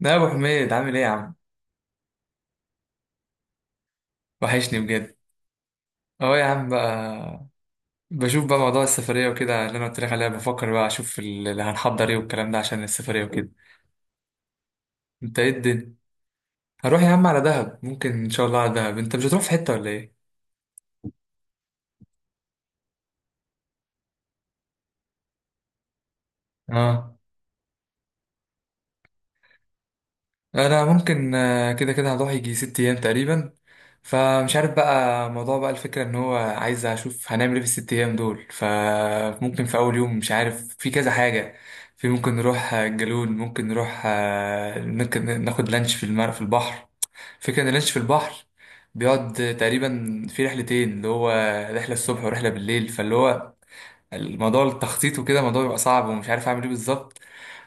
لا يا ابو حميد، عامل ايه يا عم؟ وحشني بجد. اهو يا عم بقى. بشوف بقى موضوع السفريه وكده اللي انا قلت لك عليها، بفكر بقى اشوف اللي هنحضر ايه والكلام ده عشان السفريه وكده. انت ايه الدنيا؟ هروح يا عم على دهب، ممكن ان شاء الله على دهب. انت مش هتروح في حته ولا ايه؟ اه. انا ممكن كده كده هروح يجي 6 ايام تقريبا. فمش عارف بقى موضوع بقى الفكره ان هو عايز اشوف هنعمل ايه في ال6 ايام دول. فممكن في اول يوم مش عارف في كذا حاجه. في ممكن نروح، الجالون، ممكن نروح، ممكن ناخد لانش في المر في البحر. فكره ان اللانش في البحر بيقعد تقريبا في رحلتين، اللي هو رحله الصبح ورحله بالليل. فاللي هو الموضوع التخطيط وكده، الموضوع بيبقى صعب ومش عارف اعمل ايه بالظبط.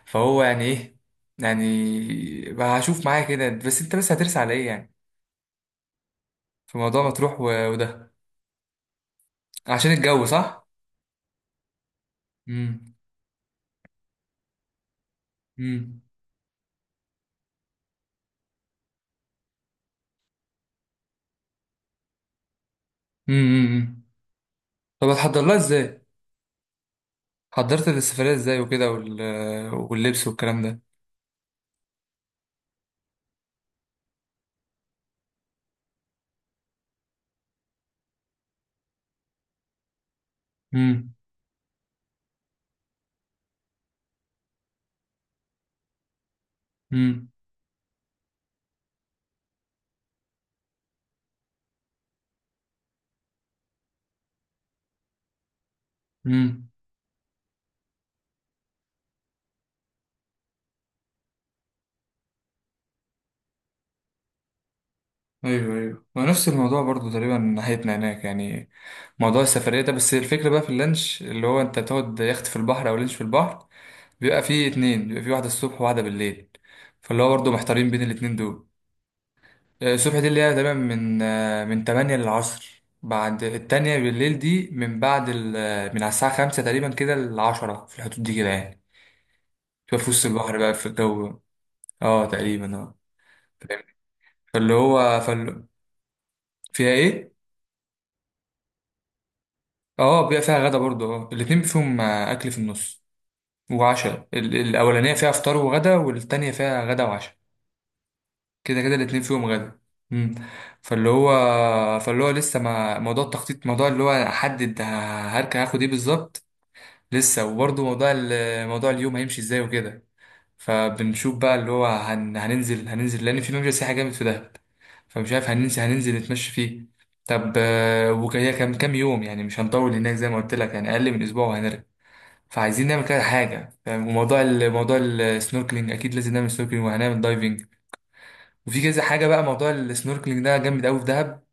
فهو يعني ايه يعني بقى هشوف معايا كده، بس انت بس هترسى على ايه يعني؟ في موضوع مطروح وده عشان الجو صح. امم. امم. امم. طب هتحضر لها ازاي؟ حضرت السفرية ازاي وكده واللبس والكلام ده. امم. امم. امم. ايوه ايوه، ما نفس الموضوع برضو تقريبا ناحيتنا هناك يعني. موضوع السفرية ده، بس الفكرة بقى في اللانش اللي هو انت تقعد يخت في البحر او لانش في البحر. بيبقى فيه اتنين، بيبقى فيه واحدة الصبح وواحدة بالليل. فاللي هو برضه محتارين بين الاتنين دول. الصبح دي اللي هي تمام من من 8 للعصر. بعد التانية بالليل دي من بعد من على الساعة 5 تقريبا كده ل10 في الحدود دي كده يعني. تبقى في وسط البحر بقى في الجو. اه تقريبا اه. فاهم؟ فاللي هو فيها ايه؟ اه بيبقى فيها غدا برضه. اه الاتنين فيهم أكل في النص. وعشاء الأولانية فيها فطار وغدا، والتانية فيها غدا وعشاء. كده كده الاتنين فيهم غدا. امم. فاللي هو فاللي هو لسه ما موضوع التخطيط موضوع اللي هو احدد هركب هاخد ايه بالظبط. لسه، وبرضه موضوع موضوع اليوم هيمشي ازاي وكده. فبنشوف بقى اللي هو هننزل لان في ممشى سياحي جامد في دهب. فمش عارف هننزل نتمشى فيه. طب وهي كام كام يوم يعني؟ مش هنطول هناك زي ما قلت لك يعني اقل من اسبوع وهنرجع. فعايزين نعمل كده حاجه فاهم؟ وموضوع موضوع السنوركلينج اكيد لازم نعمل سنوركلينج وهنعمل دايفنج. وفي كذا حاجه بقى. موضوع السنوركلينج ده جامد قوي في دهب.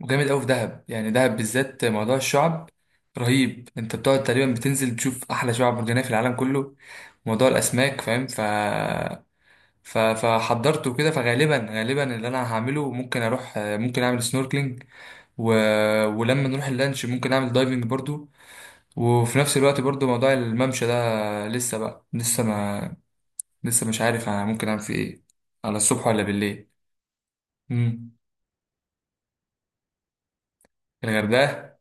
وجامد قوي في دهب، يعني دهب بالذات موضوع الشعب رهيب. انت بتقعد تقريبا بتنزل تشوف احلى شعب مرجانيه في العالم كله. موضوع الاسماك فاهم، ف فحضرته كده. فغالبا غالبا اللي انا هعمله ممكن اروح ممكن اعمل سنوركلينج. و... ولما نروح اللانش ممكن اعمل دايفنج برضو. وفي نفس الوقت برضو موضوع الممشى ده لسه بقى لسه ما لسه مش عارف انا ممكن اعمل فيه ايه، على الصبح ولا بالليل. امم. الغردقه،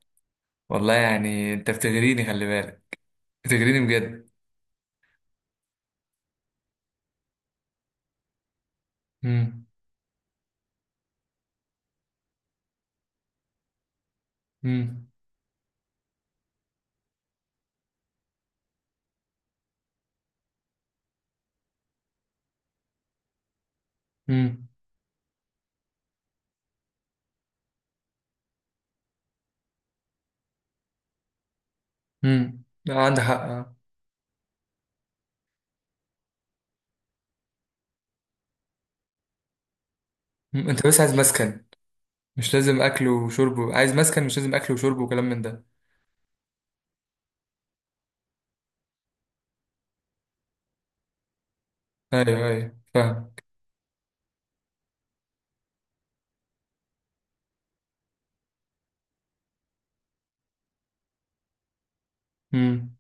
والله يعني انت بتغريني. خلي بالك، بتغريني بجد. مم. مم. مم. مم. لا عندك حق انت بس عايز مسكن. مش لازم اكل وشرب، عايز مسكن مش لازم اكل وشرب وكلام من ده. ايوه ايوه فاهم. مم.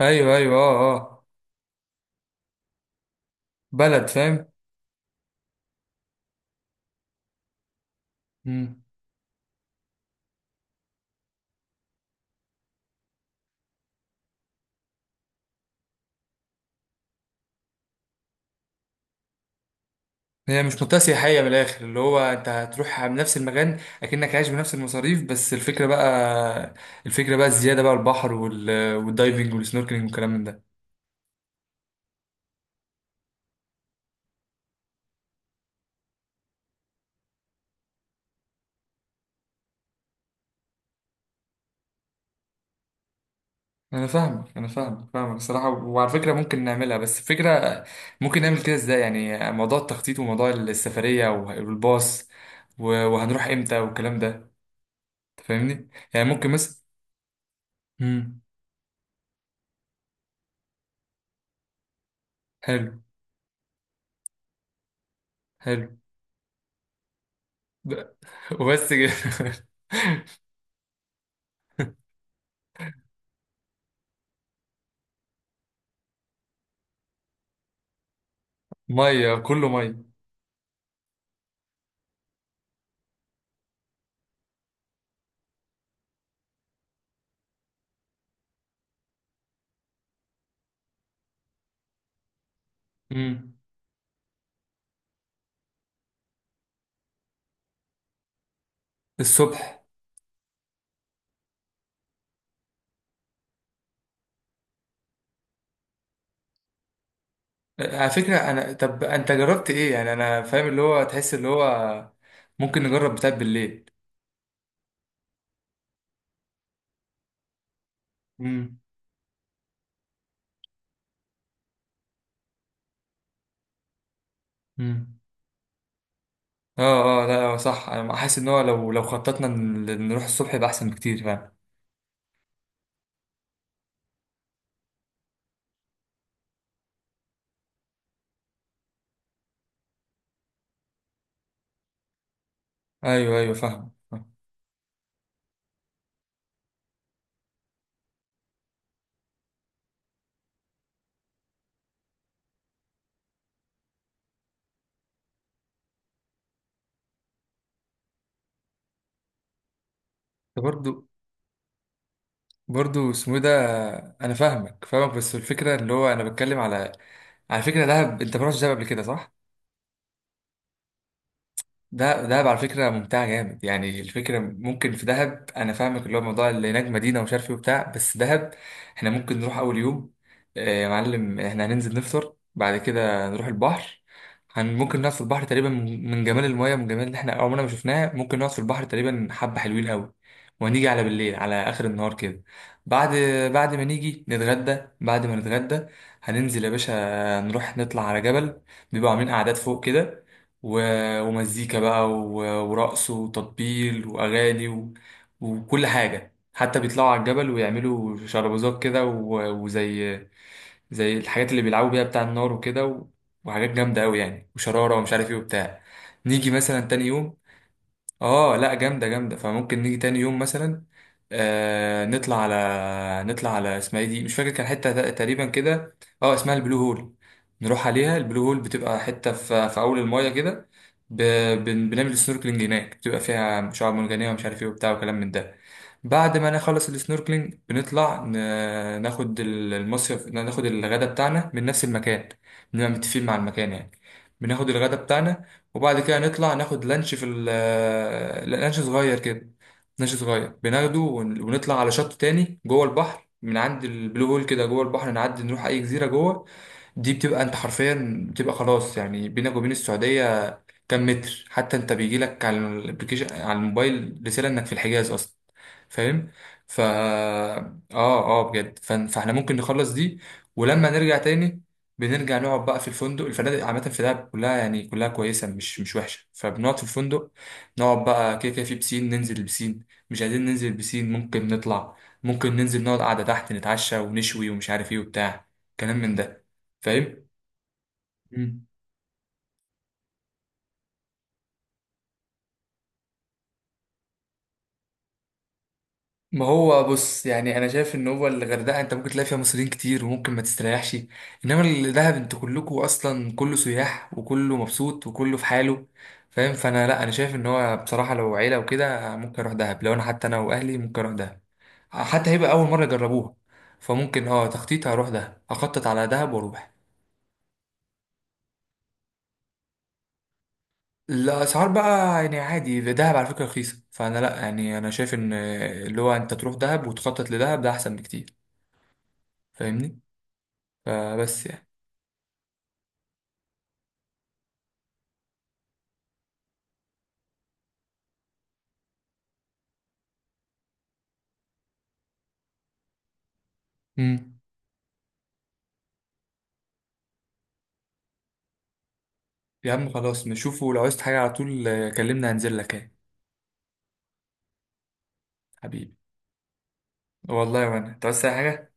ايوه ايوه اه اه. بلد فاهم. مم. هي مش منطقة سياحية من الآخر، اللي هو أنت هتروح على نفس المكان أكنك عايش بنفس المصاريف. بس الفكرة بقى، الفكرة بقى الزيادة بقى البحر والدايفنج والسنوركلينج والكلام من ده. انا فاهمك انا فاهمك فاهمك الصراحه، وعلى فكره ممكن نعملها بس فكره. ممكن نعمل كده ازاي يعني، موضوع التخطيط وموضوع السفريه والباص وهنروح امتى والكلام ده. تفهمني يعني ممكن مثلا. امم. حلو. حلو. ب-. وبس كده. ميه كله ميه. امم. الصبح. على فكره، انا طب انت جربت ايه يعني؟ انا فاهم اللي هو تحس اللي هو ممكن نجرب بتاع بالليل. امم. اه اه، لا هو صح انا حاسس ان هو لو خططنا نروح الصبح يبقى احسن بكتير فعلا. ايوه ايوه فاهم. برضو، برضو اسمه إيه ده؟ انا فاهمك فاهمك، بس الفكره اللي هو انا بتكلم على على فكره دهب. انت ما رحتش دهب قبل كده صح؟ ده دهب على فكرة ممتعة جامد يعني. الفكرة ممكن في دهب، أنا فاهمك اللي هو موضوع اللي هناك مدينة ومش عارف إيه وبتاع، بس دهب. إحنا ممكن نروح أول يوم يا معلم إحنا هننزل نفطر، بعد كده نروح البحر. هن ممكن نقعد في البحر تقريبا، من جمال المياه، من جمال اللي إحنا عمرنا ما شفناه، ممكن نقعد في البحر تقريبا حبة حلوين قوي. وهنيجي على بالليل على آخر النهار كده، بعد بعد ما نيجي نتغدى، بعد ما نتغدى هننزل يا باشا. نروح نطلع على جبل، بيبقوا عاملين قعدات فوق كده، ومزيكا بقى ورقص وتطبيل وأغاني وكل حاجة. حتى بيطلعوا على الجبل ويعملوا شربوزات كده وزي الحاجات اللي بيلعبوا بيها بتاع النار وكده وحاجات جامدة أوي يعني، وشرارة ومش عارف ايه وبتاع. نيجي مثلا تاني يوم، اه لا جامده جامده. فممكن نيجي تاني يوم مثلا آه نطلع على نطلع على اسمها ايه دي مش فاكر، كان حته تقريبا كده. اه اسمها البلو هول. نروح عليها البلو هول، بتبقى حته في اول المايه كده. ب... بنعمل سنوركلينج هناك، بتبقى فيها شعاب مرجانيه ومش عارف ايه وبتاع وكلام من ده. بعد ما نخلص السنوركلينج بنطلع ناخد المصيف، ناخد الغدا بتاعنا من نفس المكان، بنبقى متفقين مع المكان يعني. بناخد الغدا بتاعنا، وبعد كده نطلع ناخد لانش في لا، لانش صغير كده. لانش صغير بناخده ونطلع على شط تاني جوه البحر، من عند البلو هول كده جوه البحر نعدي نروح اي جزيره جوه. دي بتبقى انت حرفيا بتبقى خلاص يعني بينك وبين السعوديه كام متر. حتى انت بيجي لك على الابلكيشن على الموبايل رساله انك في الحجاز اصلا. فاهم. فا. اه اه بجد، فاحنا ممكن نخلص دي، ولما نرجع تاني بنرجع نقعد بقى في الفندق. الفنادق عامه في دهب كلها يعني، كلها كويسه، مش وحشه. فبنقعد في الفندق، نقعد بقى كده كده في بسين، ننزل البسين. مش عايزين ننزل البسين ممكن نطلع، ممكن ننزل نقعد قعده تحت، نتعشى ونشوي ومش عارف ايه وبتاع كلام من ده. فاهم. ما هو بص، يعني انا شايف ان هو الغردقه انت ممكن تلاقي فيها مصريين كتير وممكن ما تستريحش. انما الدهب انتوا كلكوا اصلا كله سياح وكله مبسوط وكله في حاله فاهم. فانا لا، انا شايف ان هو بصراحه لو عيله وكده ممكن اروح دهب. لو انا حتى انا واهلي ممكن اروح دهب، حتى هيبقى اول مره يجربوها. فممكن اه تخطيط هروح دهب، اخطط على دهب واروح. الاسعار بقى، يعني عادي دهب على فكره رخيصه. فانا لا، يعني انا شايف ان اللي هو انت تروح دهب وتخطط لدهب ده احسن بكتير فاهمني، فبس يعني. امم. يا عم خلاص نشوفه، لو عايزت حاجة على طول كلمني هنزل لك ايه. حبيبي، والله وانا انت عايز أي حاجة.